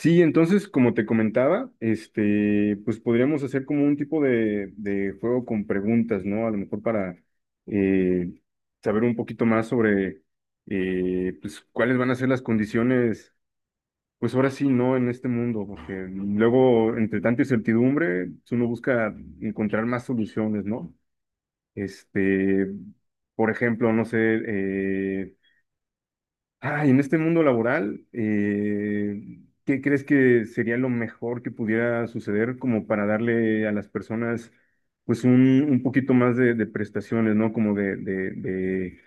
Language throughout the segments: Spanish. Sí, entonces, como te comentaba, este, pues podríamos hacer como un tipo de juego con preguntas, ¿no? A lo mejor para eh, saber un poquito más sobre, pues, cuáles van a ser las condiciones, pues ahora sí, ¿no? En este mundo, porque luego, entre tanta incertidumbre, pues, uno busca encontrar más soluciones, ¿no? Este, por ejemplo, no sé, eh, ah, y en este mundo laboral, ¿qué crees que sería lo mejor que pudiera suceder como para darle a las personas pues un poquito más de prestaciones, ¿no? Como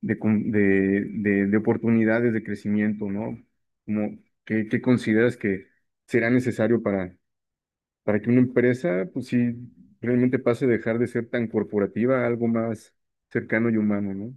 de, con- de, de oportunidades de crecimiento, ¿no? Como, ¿qué consideras que será necesario para que una empresa pues sí realmente pase a dejar de ser tan corporativa a algo más cercano y humano, ¿no?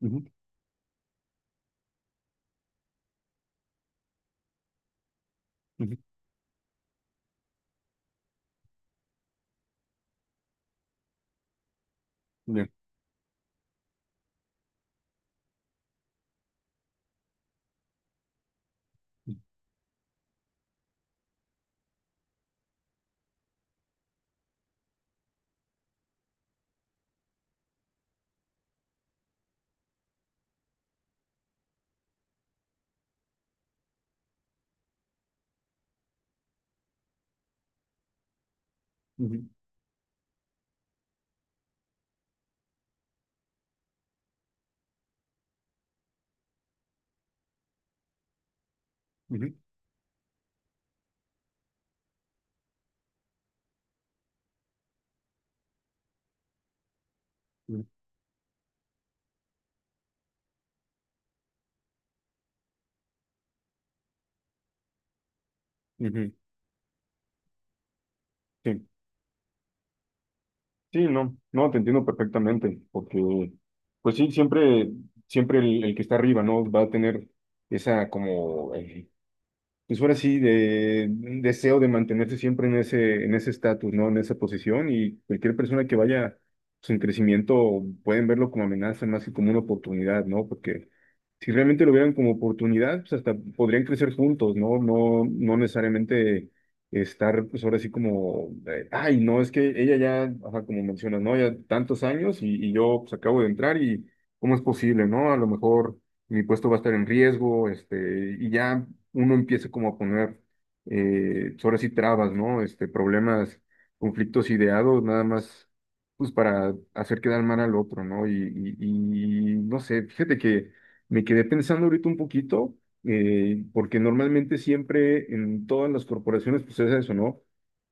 Ujú. Ujú. Ya. Ujú. Ujú. Ujú. Ujú. Sí, sí, no, no, te entiendo perfectamente, porque, pues sí, siempre el que está arriba, ¿no? Va a tener esa como pues ahora sí, de un deseo de mantenerse siempre en ese estatus, ¿no? En esa posición, y cualquier persona que vaya pues, en crecimiento pueden verlo como amenaza más que como una oportunidad, ¿no? Porque si realmente lo vieran como oportunidad, pues hasta podrían crecer juntos, ¿no? No, no necesariamente estar, pues ahora sí como, ay, no, es que ella ya, ajá, como mencionas, ¿no? Ya tantos años, y yo pues acabo de entrar, y ¿cómo es posible?, ¿no? A lo mejor mi puesto va a estar en riesgo, este, y ya uno empieza como a poner, pues, ahora sí, trabas, ¿no? Este, problemas, conflictos ideados, nada más, pues para hacer quedar mal al otro, ¿no? Y, y no sé, fíjate que me quedé pensando ahorita un poquito, porque normalmente siempre en todas las corporaciones, pues es eso, ¿no?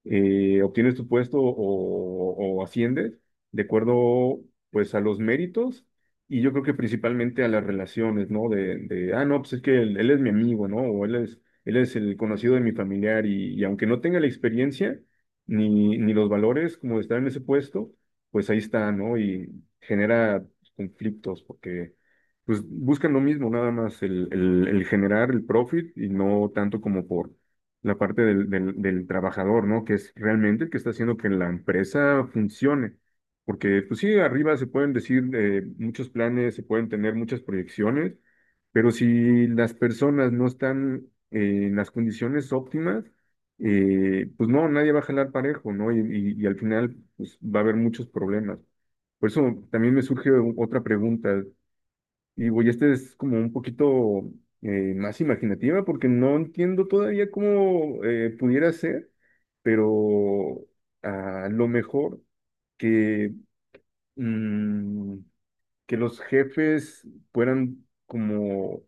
Obtienes tu puesto o asciendes de acuerdo, pues, a los méritos, y yo creo que principalmente a las relaciones, ¿no? De ah, no, pues es que él es mi amigo, ¿no? O él es el conocido de mi familiar, y aunque no tenga la experiencia ni los valores como de estar en ese puesto, pues ahí está, ¿no? Y genera conflictos porque pues buscan lo mismo, nada más el generar el profit y no tanto como por la parte del trabajador, ¿no? Que es realmente el que está haciendo que la empresa funcione. Porque, pues sí, arriba se pueden decir muchos planes, se pueden tener muchas proyecciones, pero si las personas no están en las condiciones óptimas, pues no, nadie va a jalar parejo, ¿no? Y al final, pues va a haber muchos problemas. Por eso también me surge otra pregunta. Y, güey, esta es como un poquito más imaginativa, porque no entiendo todavía cómo pudiera ser, pero a lo mejor que mm, que los jefes fueran como,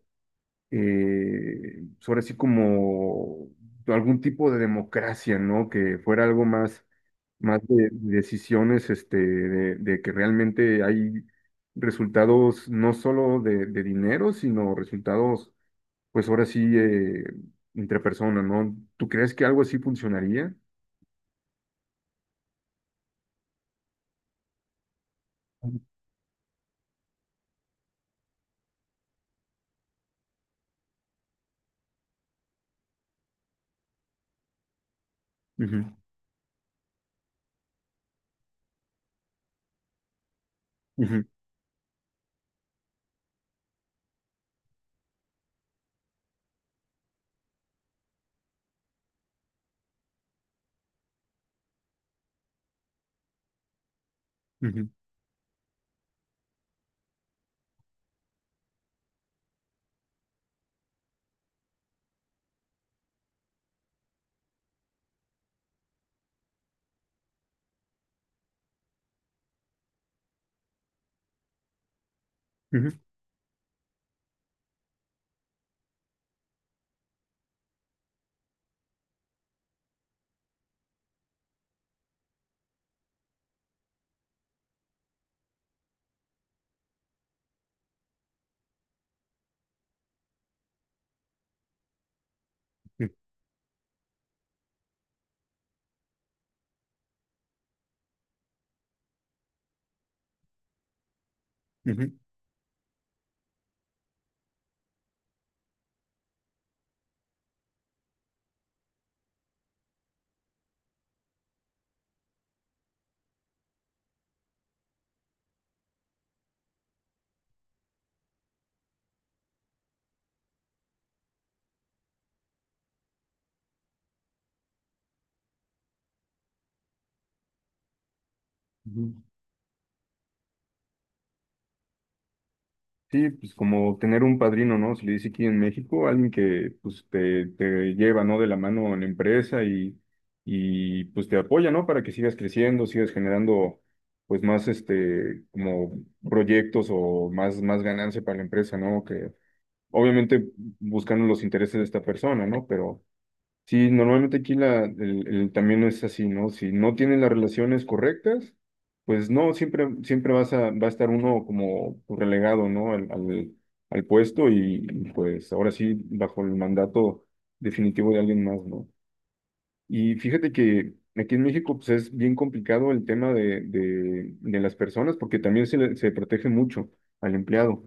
sobre así como algún tipo de democracia, ¿no? Que fuera algo más de decisiones, este, de que realmente hay resultados no solo de dinero, sino resultados, pues ahora sí, entre personas, ¿no? ¿Tú crees que algo así funcionaría? Ujú. Ujú. Ujú. Ujú. Ujú. Ujú. Ujú. Sí, pues como tener un padrino, ¿no? Se le dice aquí en México, alguien que pues te lleva, ¿no? De la mano en la empresa, y pues te apoya, ¿no? Para que sigas creciendo, sigas generando pues más este, como proyectos o más ganancia para la empresa, ¿no? Que obviamente buscando los intereses de esta persona, ¿no? Pero sí, normalmente aquí el camino es así, ¿no? Si no tienen las relaciones correctas, pues no, siempre vas a, va a estar uno como relegado, ¿no? Al puesto, y, pues ahora sí, bajo el mandato definitivo de alguien más, ¿no? Y fíjate que aquí en México pues, es bien complicado el tema de las personas, porque también se protege mucho al empleado,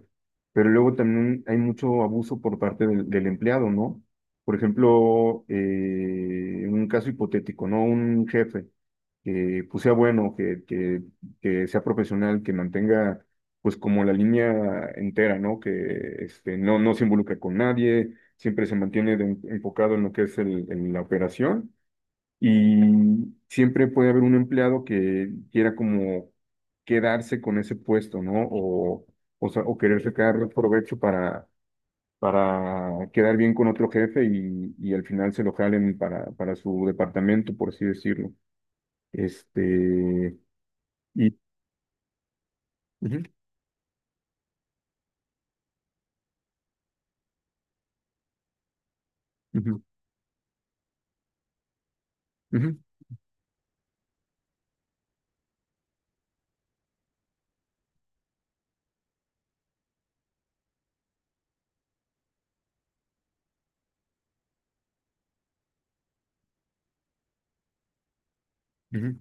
pero luego también hay mucho abuso por parte del empleado, ¿no? Por ejemplo, un caso hipotético, ¿no? Un jefe que pues, sea bueno, que sea profesional, que mantenga pues como la línea entera, ¿no? Que este, no, no se involucra con nadie, siempre se mantiene enfocado en lo que es en la operación, y siempre puede haber un empleado que quiera como quedarse con ese puesto, ¿no? O sea, o querer sacar provecho para quedar bien con otro jefe, y al final se lo jalen para su departamento, por así decirlo. Este, y... Ujú. Ujú. Ujú. Ujú.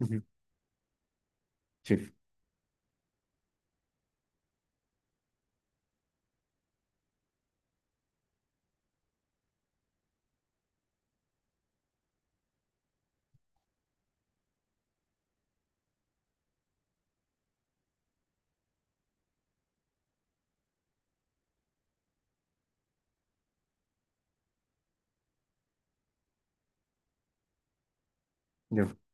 Ujú. Sí, ya.